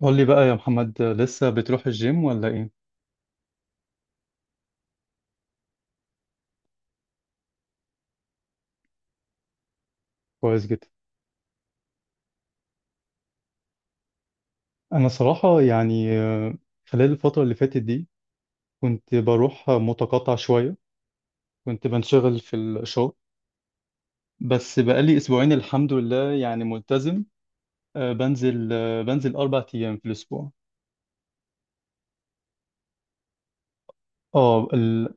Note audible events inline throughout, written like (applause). قول لي بقى يا محمد، لسه بتروح الجيم ولا ايه؟ كويس جدا. انا صراحة يعني، خلال الفترة اللي فاتت دي كنت بروح متقطع شوية، كنت بنشغل في الشغل، بس بقالي اسبوعين الحمد لله يعني ملتزم. بنزل اربع ايام في الاسبوع. اه.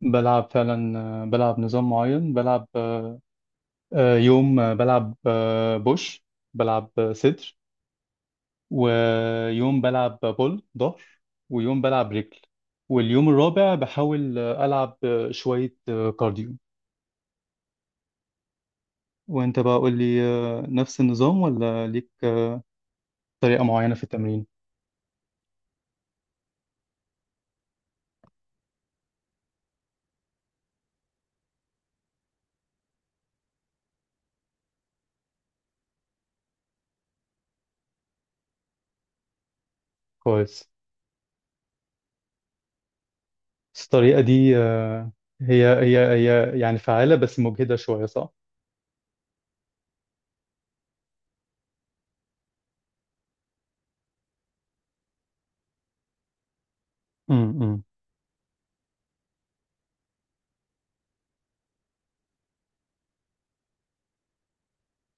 بلعب فعلا، بلعب نظام معين، بلعب يوم بلعب بوش، بلعب صدر، ويوم بلعب بول ظهر، ويوم بلعب رجل، واليوم الرابع بحاول ألعب شوية كارديو. وانت بقى قول لي، نفس النظام ولا ليك طريقة معينة في التمرين؟ كويس. بس الطريقة دي هي يعني فعالة بس مجهدة شوية صح؟ امم.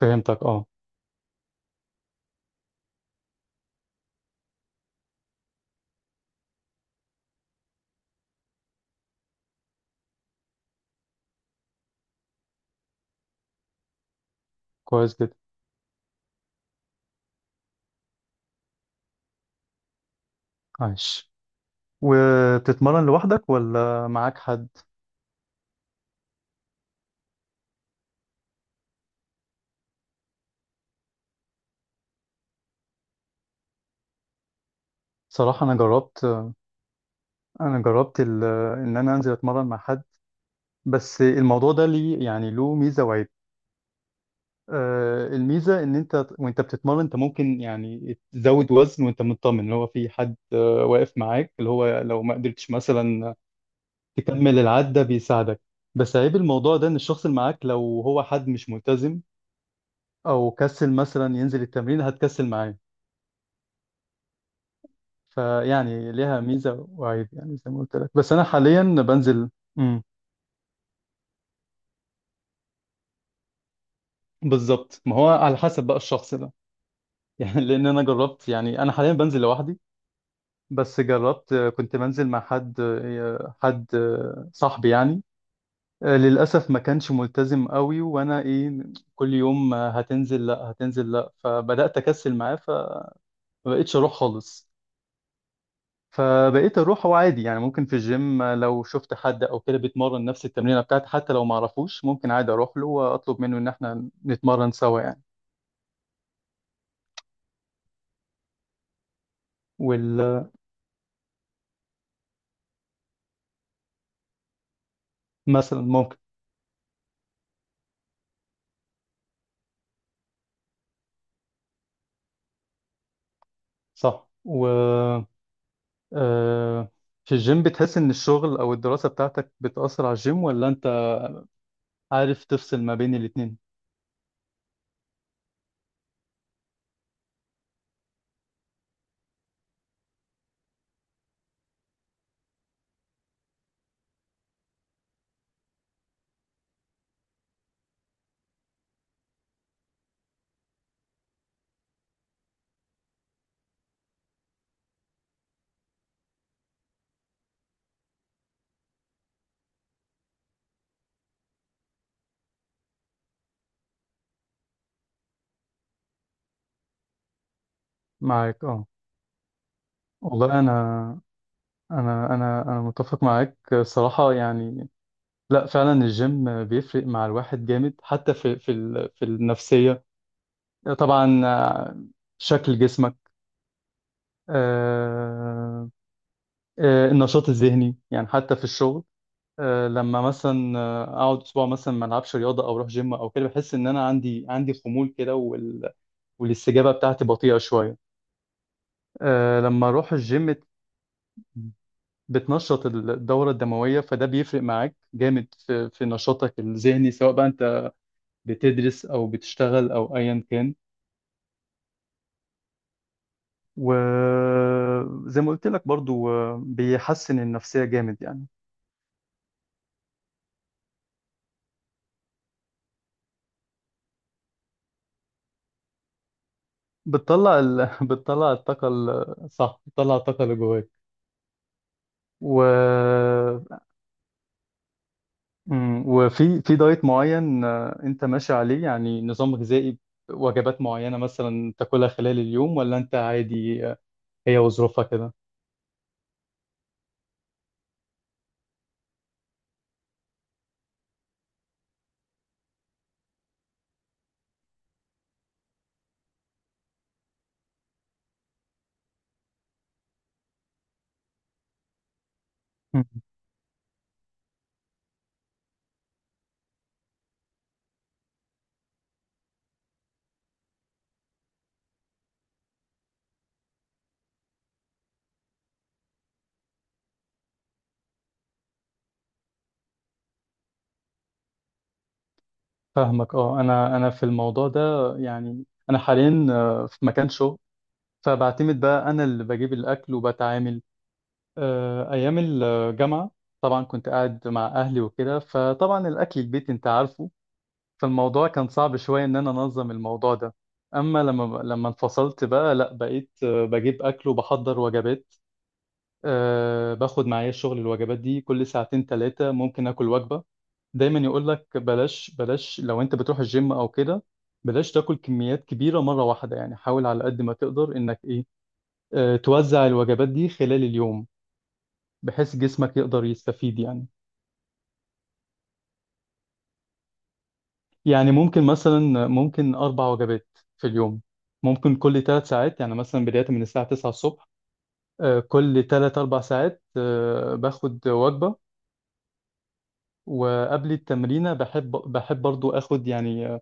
فهمتك اه. كويس جدا. عايش. وبتتمرن لوحدك ولا معاك حد؟ صراحة أنا جربت، أنا جربت إن أنا أنزل أتمرن مع حد، بس الموضوع ده ليه يعني له ميزة وعيب. آه، الميزة ان انت وانت بتتمرن انت ممكن يعني تزود وزن وانت مطمن اللي هو في حد واقف معاك، اللي هو لو ما قدرتش مثلا تكمل العدة بيساعدك. بس عيب الموضوع ده ان الشخص اللي معاك لو هو حد مش ملتزم او كسل مثلا ينزل التمرين هتكسل معاه. فيعني ليها ميزة وعيب يعني زي ما قلت لك، بس انا حاليا بنزل. امم. بالظبط. ما هو على حسب بقى الشخص ده. (laughs) يعني لان انا جربت، يعني انا حاليا بنزل لوحدي، بس جربت كنت منزل مع حد، حد صاحبي يعني، للأسف ما كانش ملتزم قوي، وأنا إيه، كل يوم هتنزل لأ هتنزل لأ، فبدأت أكسل معاه فمبقتش أروح خالص. فبقيت أروح وعادي يعني، ممكن في الجيم لو شفت حد أو كده بيتمرن نفس التمرينة بتاعتي حتى لو معرفوش ممكن عادي أروح له وأطلب منه إن إحنا نتمرن سوا يعني. وال مثلا ممكن. صح. آه، في الجيم بتحس إن الشغل أو الدراسة بتاعتك بتأثر على الجيم ولا أنت عارف تفصل ما بين الاتنين؟ معاك اه. والله أنا متفق معاك الصراحة يعني. لا فعلا الجيم بيفرق مع الواحد جامد حتى في النفسية طبعا. شكل جسمك، آه، النشاط الذهني يعني حتى في الشغل. لما مثلا اقعد اسبوع مثلا ما العبش رياضه او اروح جيم او كده بحس ان انا عندي خمول كده، والاستجابة بتاعتي بطيئة شوية. أه لما أروح الجيم بتنشط الدورة الدموية، فده بيفرق معاك جامد في نشاطك الذهني سواء بقى أنت بتدرس أو بتشتغل أو أيا كان. وزي ما قلت لك برضو، بيحسن النفسية جامد يعني. (laughs) بتطلع الطاقة صح، بتطلع الطاقة اللي جواك. و مم. في دايت معين انت ماشي عليه يعني نظام غذائي، وجبات معينة مثلا تاكلها خلال اليوم، ولا انت عادي هي وظروفها كده؟ مم. فاهمك اه. انا في الموضوع ده يعني، انا حاليا في مكان شغل، فبعتمد بقى انا اللي بجيب الاكل وبتعامل. ايام الجامعة طبعا كنت قاعد مع اهلي وكده، فطبعا الاكل البيت انت عارفه، فالموضوع كان صعب شوية إن أنا أنظم الموضوع ده. أما لما انفصلت بقى لأ، بقيت بجيب أكل وبحضر وجبات. أه باخد معايا الشغل الوجبات دي، كل ساعتين تلاتة ممكن آكل وجبة. دايما يقول لك بلاش، بلاش لو أنت بتروح الجيم أو كده بلاش تاكل كميات كبيرة مرة واحدة، يعني حاول على قد ما تقدر إنك إيه، أه توزع الوجبات دي خلال اليوم، بحيث جسمك يقدر يستفيد يعني. يعني ممكن مثلا، ممكن أربع وجبات في اليوم، ممكن كل ثلاث ساعات، يعني مثلا بداية من الساعة 9 الصبح، كل ثلاث أربع ساعات باخد وجبة. وقبل التمرينة بحب برضو آخد يعني،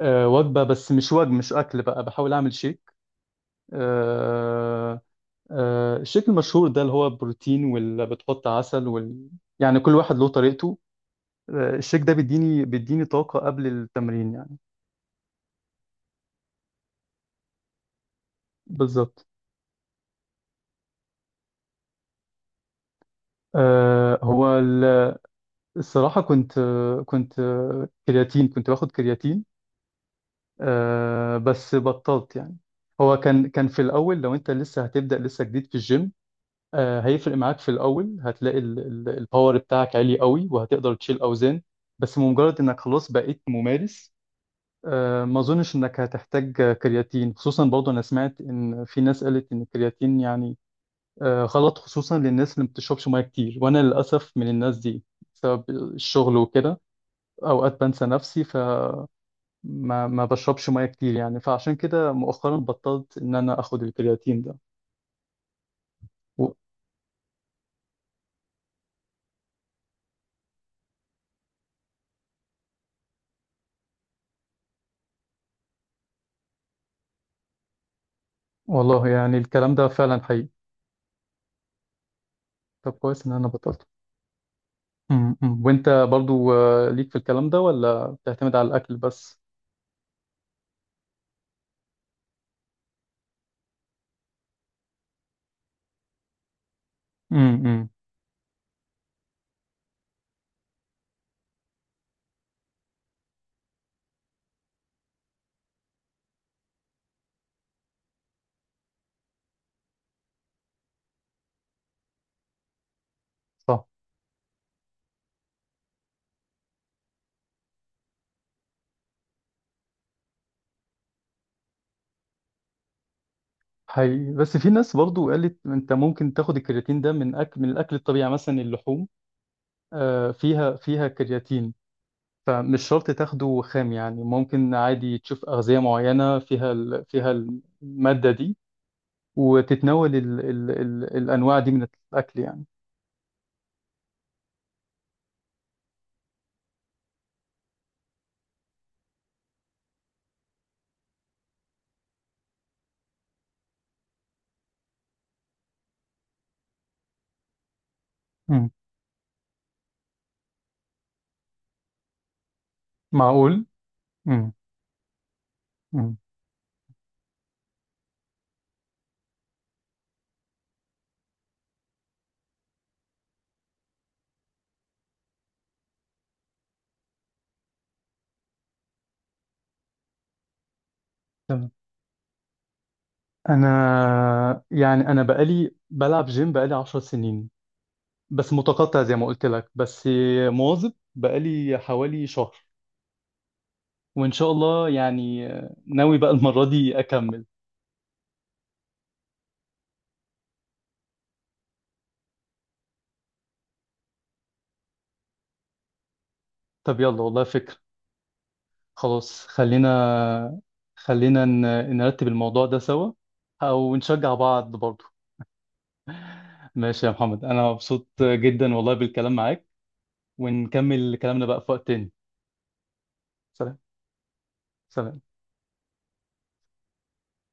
وجبة، بس مش وجبة، مش أكل بقى، بحاول أعمل شيك، آه، الشيك المشهور ده اللي هو بروتين واللي بتحط عسل يعني كل واحد له طريقته. الشيك ده بيديني طاقة قبل التمرين يعني. بالظبط. هو الصراحة، كنت كنت باخد كرياتين بس بطلت يعني. هو كان في الأول لو أنت لسه هتبدأ لسه جديد في الجيم هيفرق معاك في الأول، هتلاقي الباور بتاعك عالي قوي وهتقدر تشيل أوزان. بس بمجرد إنك خلاص بقيت ممارس، ما أظنش إنك هتحتاج كرياتين، خصوصا برضه أنا سمعت إن في ناس قالت إن الكرياتين يعني غلط، خصوصا للناس اللي ما بتشربش مياه كتير، وأنا للأسف من الناس دي بسبب الشغل وكده، اوقات بنسى نفسي فما ما بشربش ميه كتير يعني، فعشان كده مؤخرا بطلت ان انا اخد الكرياتين ده. و... والله يعني الكلام ده فعلا حقيقي. طب كويس ان انا بطلت. م- م. وانت برضو ليك في الكلام ده ولا بتعتمد على الاكل بس؟ امم. صح. حقيقي، بس في ناس برضو قالت انت ممكن تاخد الكرياتين ده من اكل، من الاكل الطبيعي يعني مثلا اللحوم فيها كرياتين، فمش شرط تاخده خام يعني، ممكن عادي تشوف أغذية معينة فيها فيها المادة دي وتتناول الأنواع دي من الأكل يعني. مم. معقول؟ مم. مم. تمام. أنا يعني، أنا بقالي بلعب جيم بقالي 10 سنين، بس متقطع زي ما قلت لك، بس مواظب بقالي حوالي شهر، وإن شاء الله يعني، ناوي بقى المرة دي أكمل. طب يلا، والله فكرة. خلاص خلينا نرتب الموضوع ده سوا، او نشجع بعض برضه. ماشي يا محمد، انا مبسوط جدا والله بالكلام معاك، ونكمل كلامنا بقى في وقت تاني. سلام. سلام.